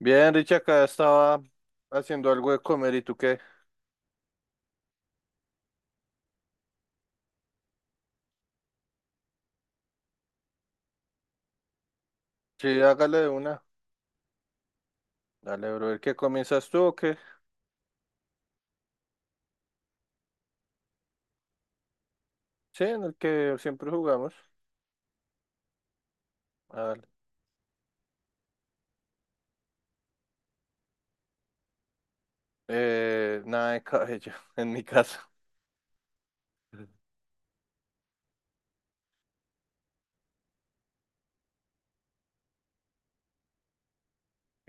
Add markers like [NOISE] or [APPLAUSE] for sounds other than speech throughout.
Bien, Richie, acá estaba haciendo algo de comer. ¿Y tú qué? Sí, hágale de una. Dale, bro. ¿El que comienzas tú o qué? Sí, en el que siempre jugamos. Hágale. Nada de cabello, [LAUGHS] en mi caso. [LAUGHS]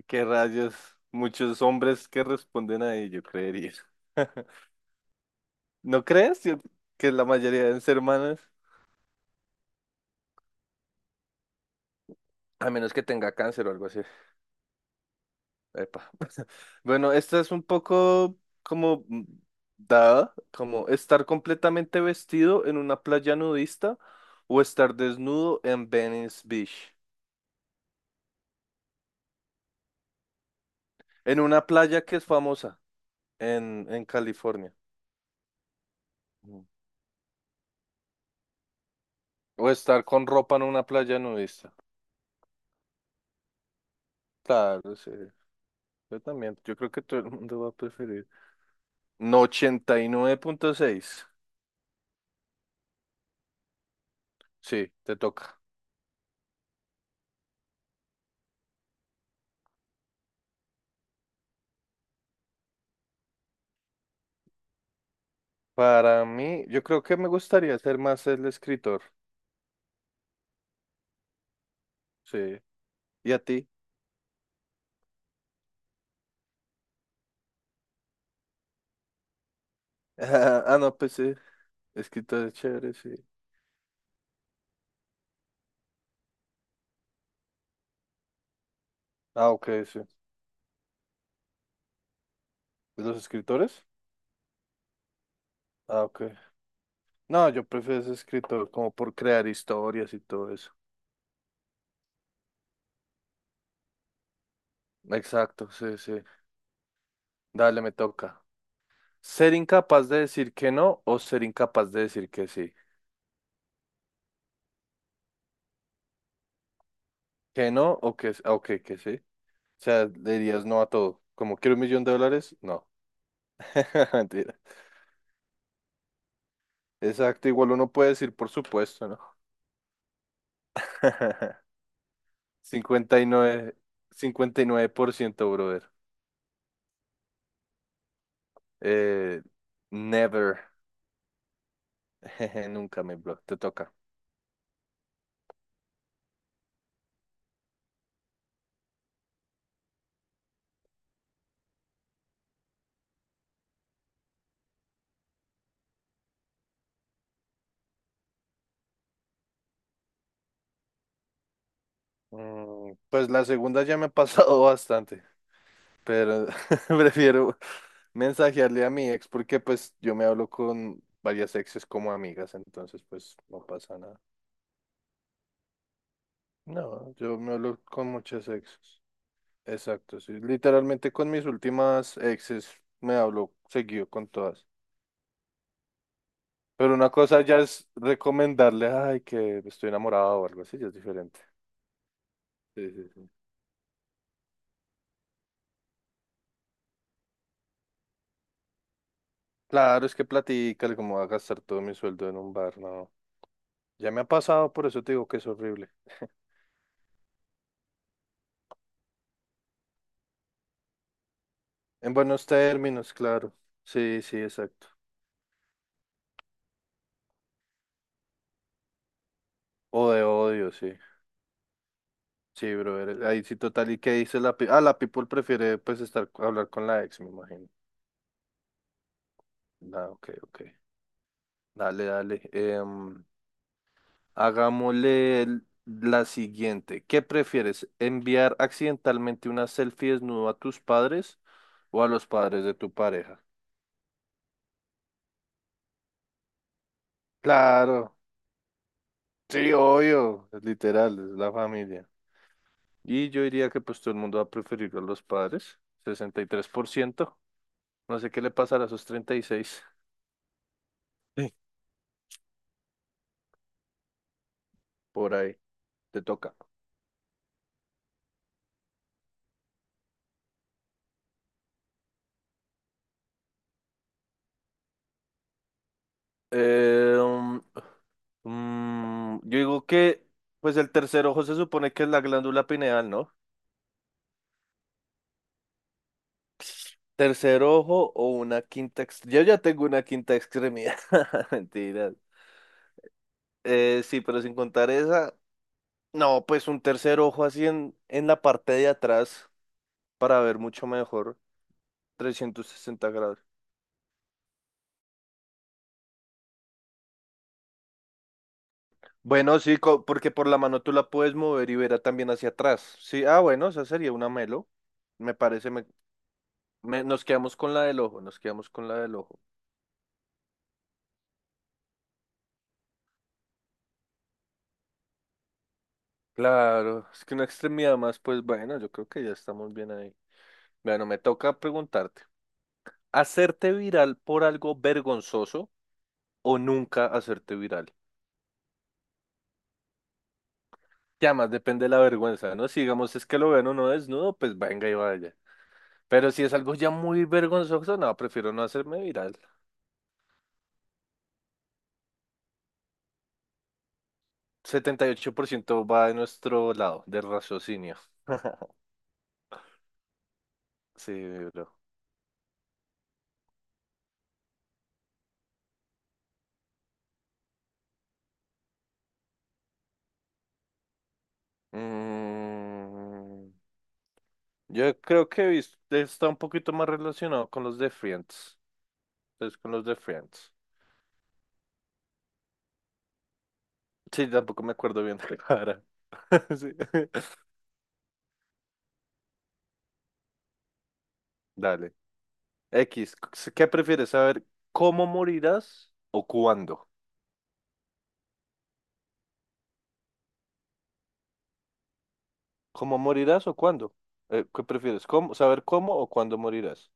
¿Qué rayos? Muchos hombres que responden ahí, yo creería. [LAUGHS] ¿No crees? Que la mayoría deben ser manos. A menos que tenga cáncer o algo así. Epa. Bueno, esta es un poco como dada, como estar completamente vestido en una playa nudista o estar desnudo en Venice Beach, en una playa que es famosa en California. Mm. O estar con ropa en una playa nudista. Claro, sí. Yo también, yo creo que todo el mundo va a preferir. No, 89.6. Sí, te toca. Para mí, yo creo que me gustaría ser más el escritor. Sí. ¿Y a ti? [LAUGHS] Ah, no, pues sí. Escritores chéveres, sí. Ah, ok, sí. ¿De los escritores? Ah, ok. No, yo prefiero ese escritor como por crear historias y todo eso. Exacto, sí, sí. Dale, me toca. Ser incapaz de decir que no o ser incapaz de decir que sí. Que no o que, ah, ok, que sí. O sea, le dirías no a todo. Como quiero un millón de dólares, no. [LAUGHS] Mentira. Exacto, igual uno puede decir por supuesto, ¿no? [LAUGHS] cincuenta cincuenta y y nueve 59%, brother. Eh, Never. [LAUGHS] Jeje, nunca me blog, te toca. Pues la segunda ya me ha pasado [LAUGHS] bastante, pero [LAUGHS] prefiero mensajearle a mi ex porque pues yo me hablo con varias exes como amigas, entonces pues no pasa nada. No, yo me hablo con muchas exes. Exacto, sí. Literalmente con mis últimas exes me hablo seguido con todas. Pero una cosa ya es recomendarle, ay, que estoy enamorado o algo así, ya es diferente. Sí, sí, sí. Claro, es que platícale cómo va a gastar todo mi sueldo en un bar, no. Ya me ha pasado, por eso te digo que es horrible. En buenos términos, claro. Sí, sí, exacto. O de odio, sí. Sí, brother. Ahí sí, total. ¿Y qué dice la pi-? Ah, la people prefiere, pues, estar, hablar con la ex, me imagino. Ah, ok, ok. Dale, dale. Hagámosle la siguiente. ¿Qué prefieres? ¿Enviar accidentalmente una selfie desnudo a tus padres o a los padres de tu pareja? Claro. Sí, obvio, es literal, es la familia. Y yo diría que pues todo el mundo va a preferir a los padres, 63%. No sé qué le pasará a esos 36. Sí. Por ahí, te toca. Eh, um, yo digo que pues el tercer ojo se supone que es la glándula pineal, ¿no? Tercer ojo o una quinta ex-. Yo ya tengo una quinta extremidad. [LAUGHS] Mentiras. Sí, pero sin contar esa, no, pues un tercer ojo así en la parte de atrás. Para ver mucho mejor 360 grados. Bueno, sí, porque por la mano tú la puedes mover y verá también hacia atrás. Sí, ah, bueno, esa sería una melo. Me parece, nos quedamos con la del ojo, nos quedamos con la del ojo. Claro, es que una extremidad más, pues bueno, yo creo que ya estamos bien ahí. Bueno, me toca preguntarte, ¿hacerte viral por algo vergonzoso o nunca hacerte viral? Ya más depende de la vergüenza, ¿no? Si digamos es que lo ven o no desnudo, pues venga y vaya. Pero si es algo ya muy vergonzoso, no, prefiero no hacerme viral. 78% va de nuestro lado, del raciocinio. [LAUGHS] Sí, bro. Mm, yo creo que está un poquito más relacionado con los de Friends. Entonces, con los de Friends. Sí, tampoco me acuerdo bien de la cara. [LAUGHS] Sí. Dale. X, ¿qué prefieres saber? ¿Cómo morirás o cuándo? ¿Cómo morirás o cuándo? ¿Qué prefieres? ¿Cómo, saber cómo o cuándo morirás?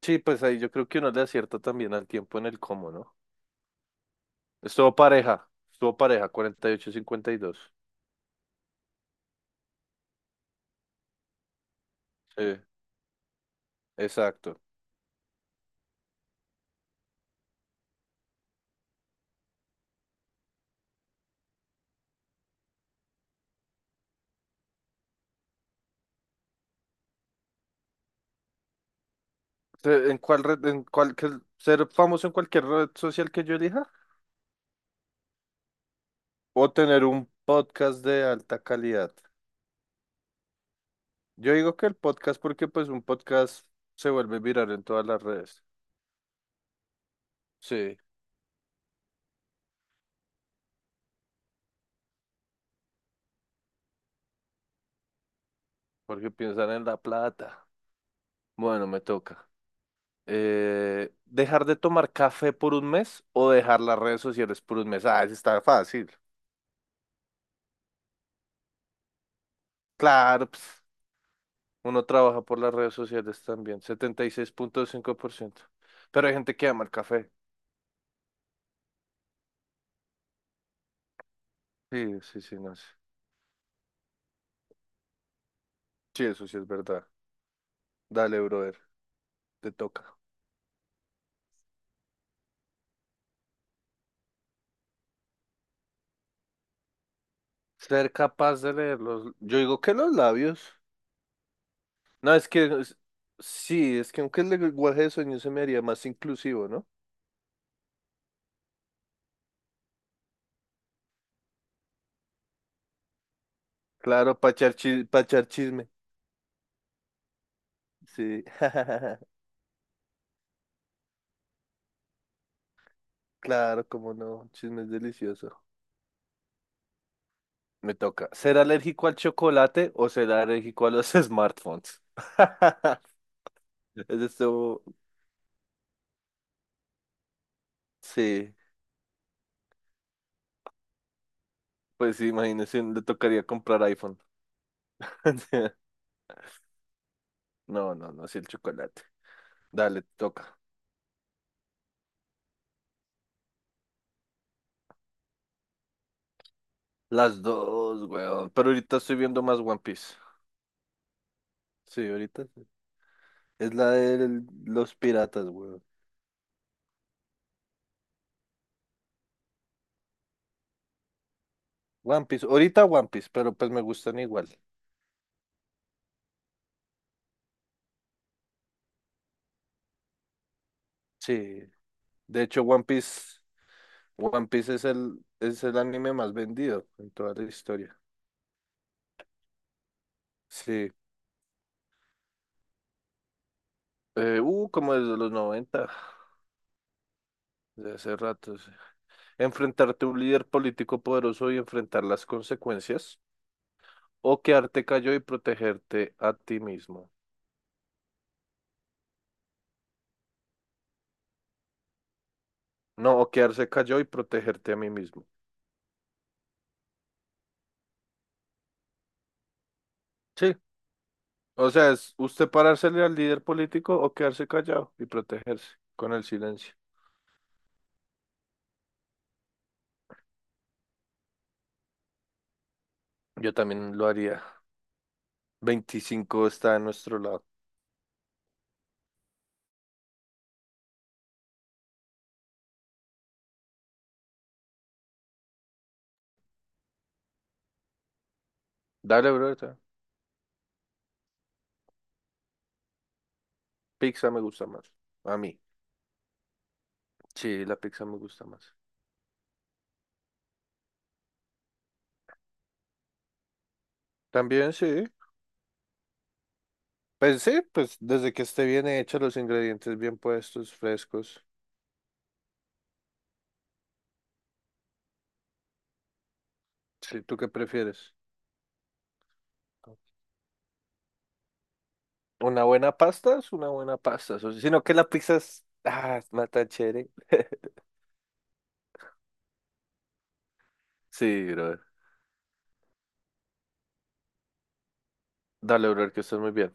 Sí, pues ahí yo creo que uno le acierta también al tiempo en el cómo, ¿no? Estuvo pareja, 48-52. Sí, exacto. ¿En cuál red, en cuál, ser famoso en cualquier red social que yo elija? ¿O tener un podcast de alta calidad? Yo digo que el podcast porque pues un podcast se vuelve viral en todas las redes. Sí, porque piensan en la plata. Bueno, me toca. ¿Dejar de tomar café por un mes o dejar las redes sociales por un mes? Ah, eso está fácil. Claro, pues, uno trabaja por las redes sociales también, 76.5%. Pero hay gente que ama el café. Sí, sí, sí, no sé. Sí, eso sí es verdad. Dale, brother, te toca. Ser capaz de leer los. Yo digo que los labios. No, es que, es-. Sí, es que aunque el lenguaje de sueño se me haría más inclusivo, ¿no? Claro, para pachar, pachar chisme. Sí, [LAUGHS] claro, cómo no, chisme es delicioso. Me toca. ¿Ser alérgico al chocolate o ser alérgico a los [LAUGHS] smartphones? [LAUGHS] Es esto. Sí. Pues sí, imagínese, le tocaría comprar iPhone. [LAUGHS] No, no, no, sí, el chocolate. Dale, te toca. Las dos, weón. Pero ahorita estoy viendo más One Piece. Sí, ahorita. Sí. Es la de los piratas, weón. One Piece. Ahorita One Piece, pero pues me gustan igual. Sí. De hecho, One Piece, One Piece es el, anime más vendido en toda la historia. Sí. Como desde los 90 de hace rato. Sí. Enfrentarte a un líder político poderoso y enfrentar las consecuencias. O quedarte callado y protegerte a ti mismo. No, o quedarse callado y protegerte a mí mismo. Sí. O sea, es usted parársele al líder político o quedarse callado y protegerse con el silencio. Yo también lo haría. 25 está a nuestro lado. Dale, bro. Pizza me gusta más. A mí. Sí, la pizza me gusta más. También sí. Pues sí, pues desde que esté bien hecho, los ingredientes bien puestos, frescos. Sí, ¿tú qué prefieres? ¿Una buena pasta? Es una buena pasta. O sea, sino que la pizza es. Ah, es más tan chévere. [LAUGHS] Sí, brother. Dale, brother, que estás muy bien.